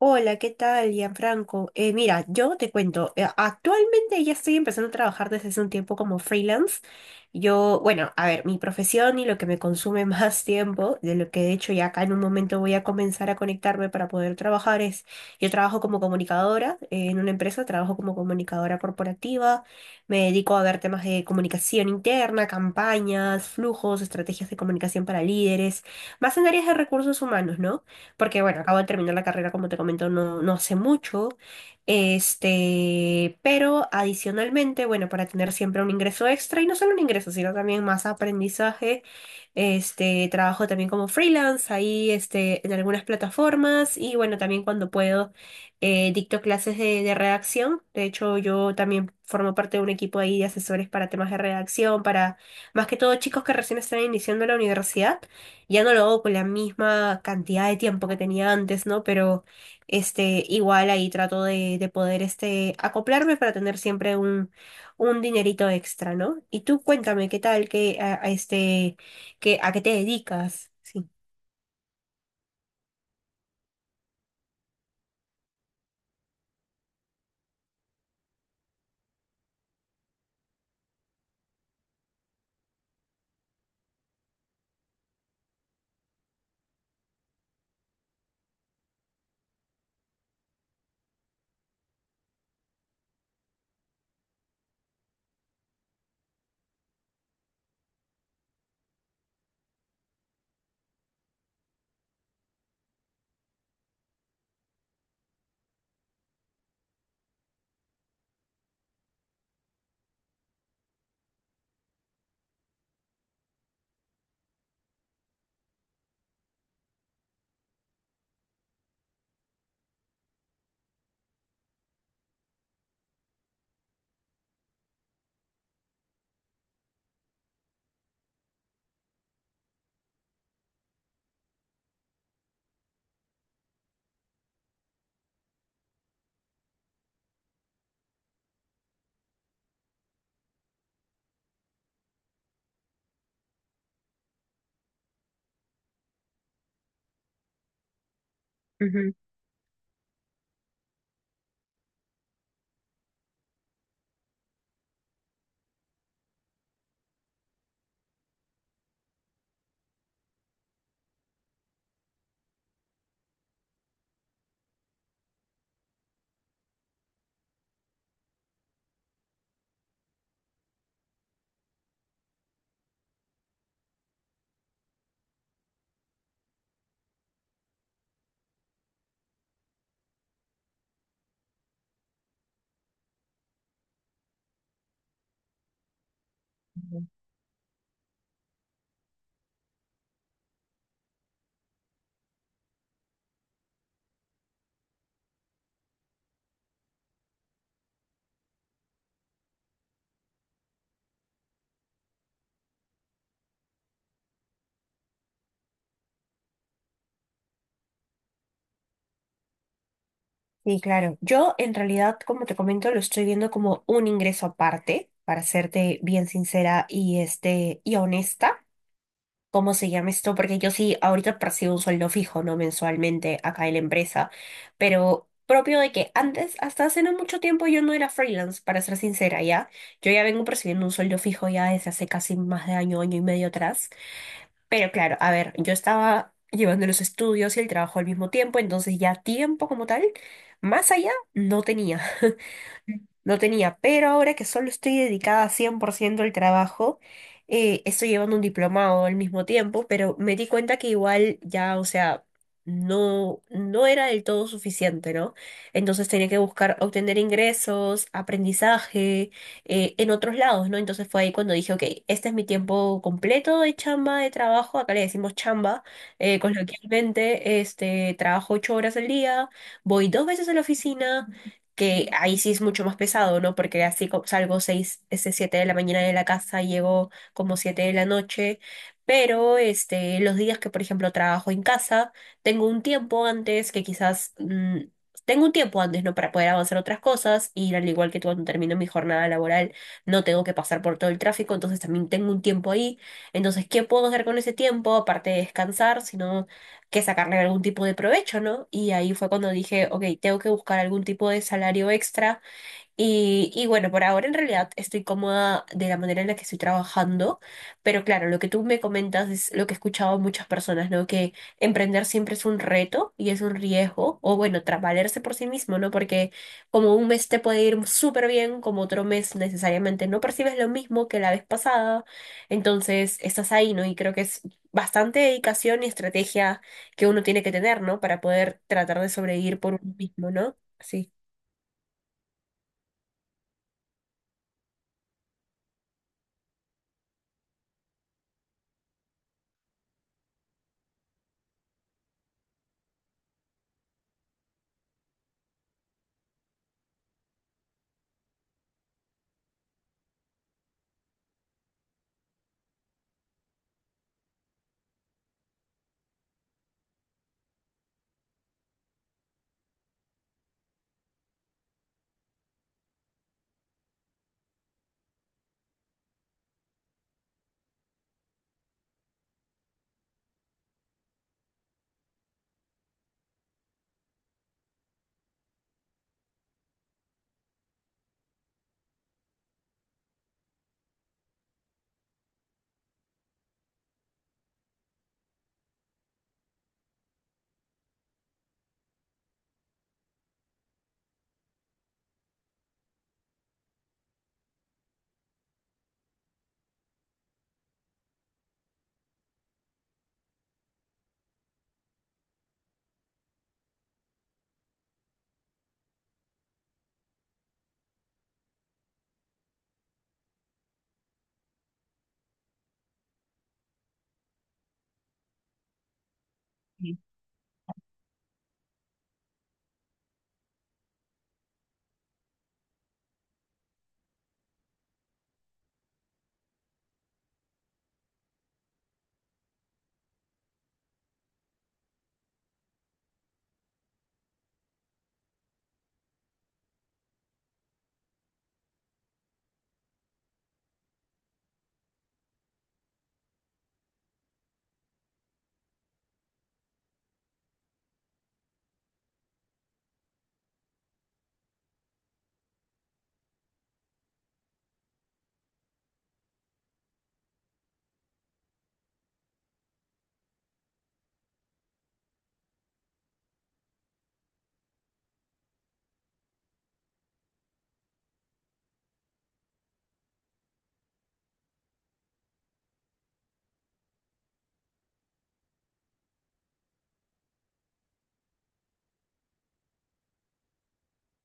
Hola, ¿qué tal, Gianfranco? Mira, yo te cuento, actualmente ya estoy empezando a trabajar desde hace un tiempo como freelance. Yo, bueno, a ver, mi profesión y lo que me consume más tiempo, de lo que de hecho ya acá en un momento voy a comenzar a conectarme para poder trabajar es, yo trabajo como comunicadora, en una empresa. Trabajo como comunicadora corporativa. Me dedico a ver temas de comunicación interna, campañas, flujos, estrategias de comunicación para líderes, más en áreas de recursos humanos, ¿no? Porque bueno, acabo de terminar la carrera, como te comento, no, no hace mucho. Pero adicionalmente, bueno, para tener siempre un ingreso extra, y no solo un ingreso, sino también más aprendizaje. Trabajo también como freelance ahí, en algunas plataformas. Y bueno, también cuando puedo, dicto clases de redacción. De hecho, yo también formo parte de un equipo ahí de asesores para temas de redacción, para más que todo chicos que recién están iniciando la universidad. Ya no lo hago con la misma cantidad de tiempo que tenía antes, ¿no? Pero igual ahí trato de poder, acoplarme para tener siempre un dinerito extra, ¿no? Y tú cuéntame, ¿qué tal? ¿Qué, a este, qué, a qué te dedicas? Sí. Ujú. Sí, claro. Yo en realidad, como te comento, lo estoy viendo como un ingreso aparte, para serte bien sincera y honesta. ¿Cómo se llama esto? Porque yo sí, ahorita percibo un sueldo fijo, ¿no? Mensualmente acá en la empresa, pero propio de que antes, hasta hace no mucho tiempo, yo no era freelance, para ser sincera, ¿ya? Yo ya vengo percibiendo un sueldo fijo ya desde hace casi más de año, año y medio atrás. Pero claro, a ver, yo estaba llevando los estudios y el trabajo al mismo tiempo, entonces ya tiempo como tal, más allá, no tenía. No tenía, pero ahora que solo estoy dedicada 100% al trabajo, estoy llevando un diplomado al mismo tiempo, pero me di cuenta que igual ya, o sea, no, no era del todo suficiente, ¿no? Entonces tenía que buscar obtener ingresos, aprendizaje, en otros lados, ¿no? Entonces fue ahí cuando dije, ok, este es mi tiempo completo de chamba, de trabajo, acá le decimos chamba, coloquialmente. Trabajo 8 horas al día, voy dos veces a la oficina, que ahí sí es mucho más pesado, ¿no? Porque así salgo 7 de la mañana de la casa, llego como 7 de la noche. Pero los días que, por ejemplo, trabajo en casa, tengo un tiempo antes tengo un tiempo antes, ¿no? Para poder avanzar otras cosas, y al igual que cuando termino mi jornada laboral no tengo que pasar por todo el tráfico, entonces también tengo un tiempo ahí. Entonces, ¿qué puedo hacer con ese tiempo? Aparte de descansar, sino que sacarle algún tipo de provecho, ¿no? Y ahí fue cuando dije, ok, tengo que buscar algún tipo de salario extra, y bueno, por ahora en realidad estoy cómoda de la manera en la que estoy trabajando. Pero claro, lo que tú me comentas es lo que he escuchado a muchas personas, ¿no? Que emprender siempre es un reto y es un riesgo, o bueno, valerse por sí mismo, ¿no? Porque como un mes te puede ir súper bien, como otro mes necesariamente no percibes lo mismo que la vez pasada, entonces estás ahí, ¿no? Y creo que es bastante dedicación y estrategia que uno tiene que tener, ¿no? Para poder tratar de sobrevivir por uno mismo, ¿no? Sí.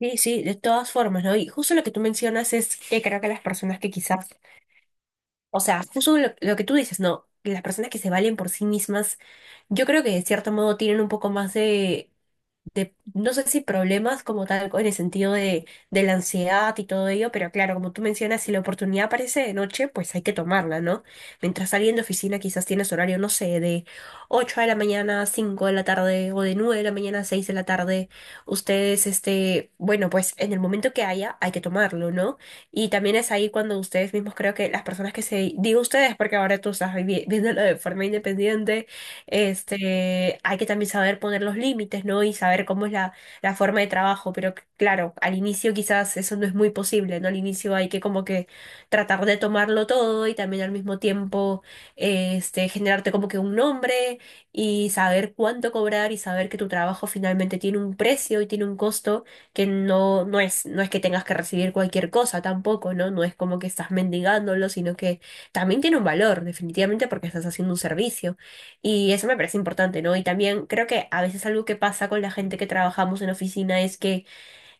Sí, sí, de todas formas, ¿no? Y justo lo que tú mencionas es que creo que las personas que quizás, o sea, justo lo que tú dices, ¿no? Que las personas que se valen por sí mismas, yo creo que de cierto modo tienen un poco más de, no sé, si problemas como tal, en el sentido de la ansiedad y todo ello. Pero claro, como tú mencionas, si la oportunidad aparece de noche, pues hay que tomarla, ¿no? Mientras alguien de oficina quizás tienes horario, no sé, de 8 de la mañana a 5 de la tarde o de 9 de la mañana a 6 de la tarde, ustedes, bueno, pues en el momento que haya, hay que tomarlo, ¿no? Y también es ahí cuando ustedes mismos creo que las personas que se, digo ustedes, porque ahora tú estás viéndolo de forma independiente. Hay que también saber poner los límites, ¿no? Y saber cómo es la forma de trabajo. Pero claro, al inicio quizás eso no es muy posible, ¿no? Al inicio hay que como que tratar de tomarlo todo y también al mismo tiempo, generarte como que un nombre y saber cuánto cobrar y saber que tu trabajo finalmente tiene un precio y tiene un costo, que no, no es que tengas que recibir cualquier cosa tampoco, ¿no? No es como que estás mendigándolo, sino que también tiene un valor, definitivamente, porque estás haciendo un servicio. Y eso me parece importante, ¿no? Y también creo que a veces algo que pasa con la gente que trabajamos en oficina es que,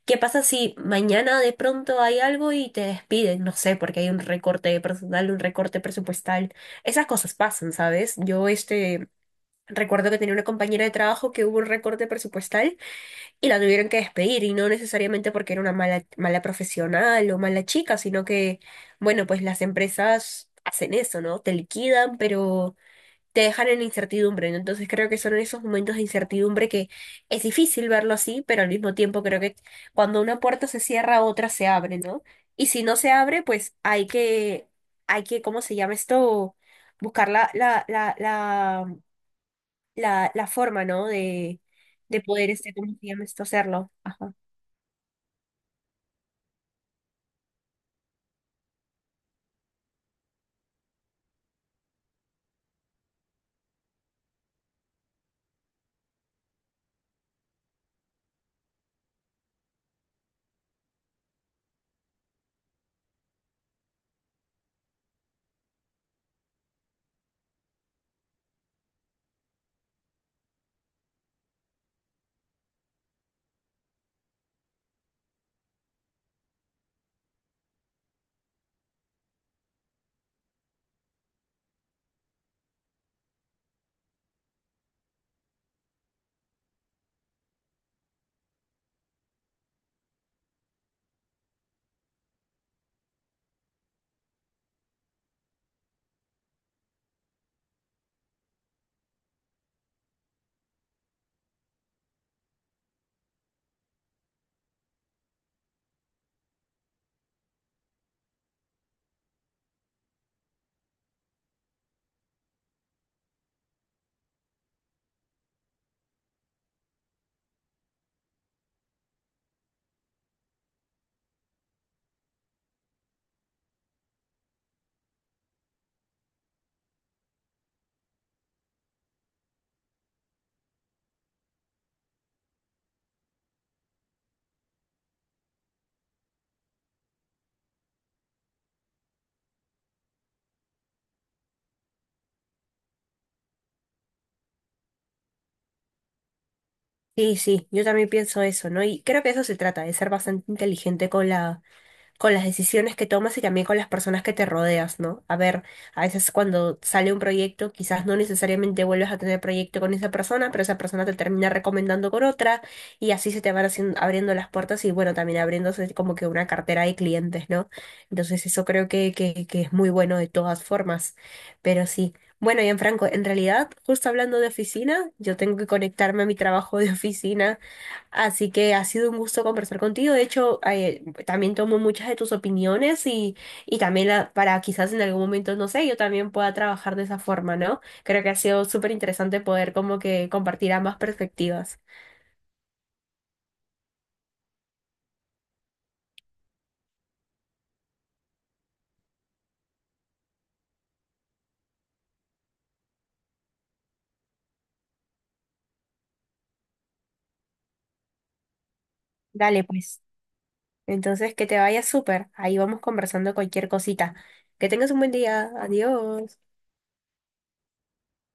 ¿qué pasa si mañana de pronto hay algo y te despiden? No sé, porque hay un recorte de personal, un recorte presupuestal. Esas cosas pasan, ¿sabes? Yo recuerdo que tenía una compañera de trabajo, que hubo un recorte presupuestal y la tuvieron que despedir, y no necesariamente porque era una mala, mala profesional o mala chica, sino que, bueno, pues las empresas hacen eso, ¿no? Te liquidan, pero te dejan en incertidumbre, ¿no? Entonces creo que son esos momentos de incertidumbre, que es difícil verlo así, pero al mismo tiempo creo que cuando una puerta se cierra, otra se abre, ¿no? Y si no se abre, pues hay que, ¿cómo se llama esto? Buscar la forma, ¿no? De poder, ¿cómo se llama esto? Hacerlo. Ajá. Sí, sí, yo también pienso eso, ¿no? Y creo que eso se trata de ser bastante inteligente con las decisiones que tomas y también con las personas que te rodeas, ¿no? A ver, a veces cuando sale un proyecto, quizás no necesariamente vuelves a tener proyecto con esa persona, pero esa persona te termina recomendando con otra, y así se te van haciendo, abriendo las puertas, y bueno, también abriéndose como que una cartera de clientes, ¿no? Entonces eso creo que es muy bueno de todas formas, pero sí. Bueno, Franco, en realidad, justo hablando de oficina, yo tengo que conectarme a mi trabajo de oficina. Así que ha sido un gusto conversar contigo. De hecho, también tomo muchas de tus opiniones, y también para quizás en algún momento, no sé, yo también pueda trabajar de esa forma, ¿no? Creo que ha sido súper interesante poder como que compartir ambas perspectivas. Dale, pues. Entonces, que te vaya súper. Ahí vamos conversando cualquier cosita. Que tengas un buen día. Adiós.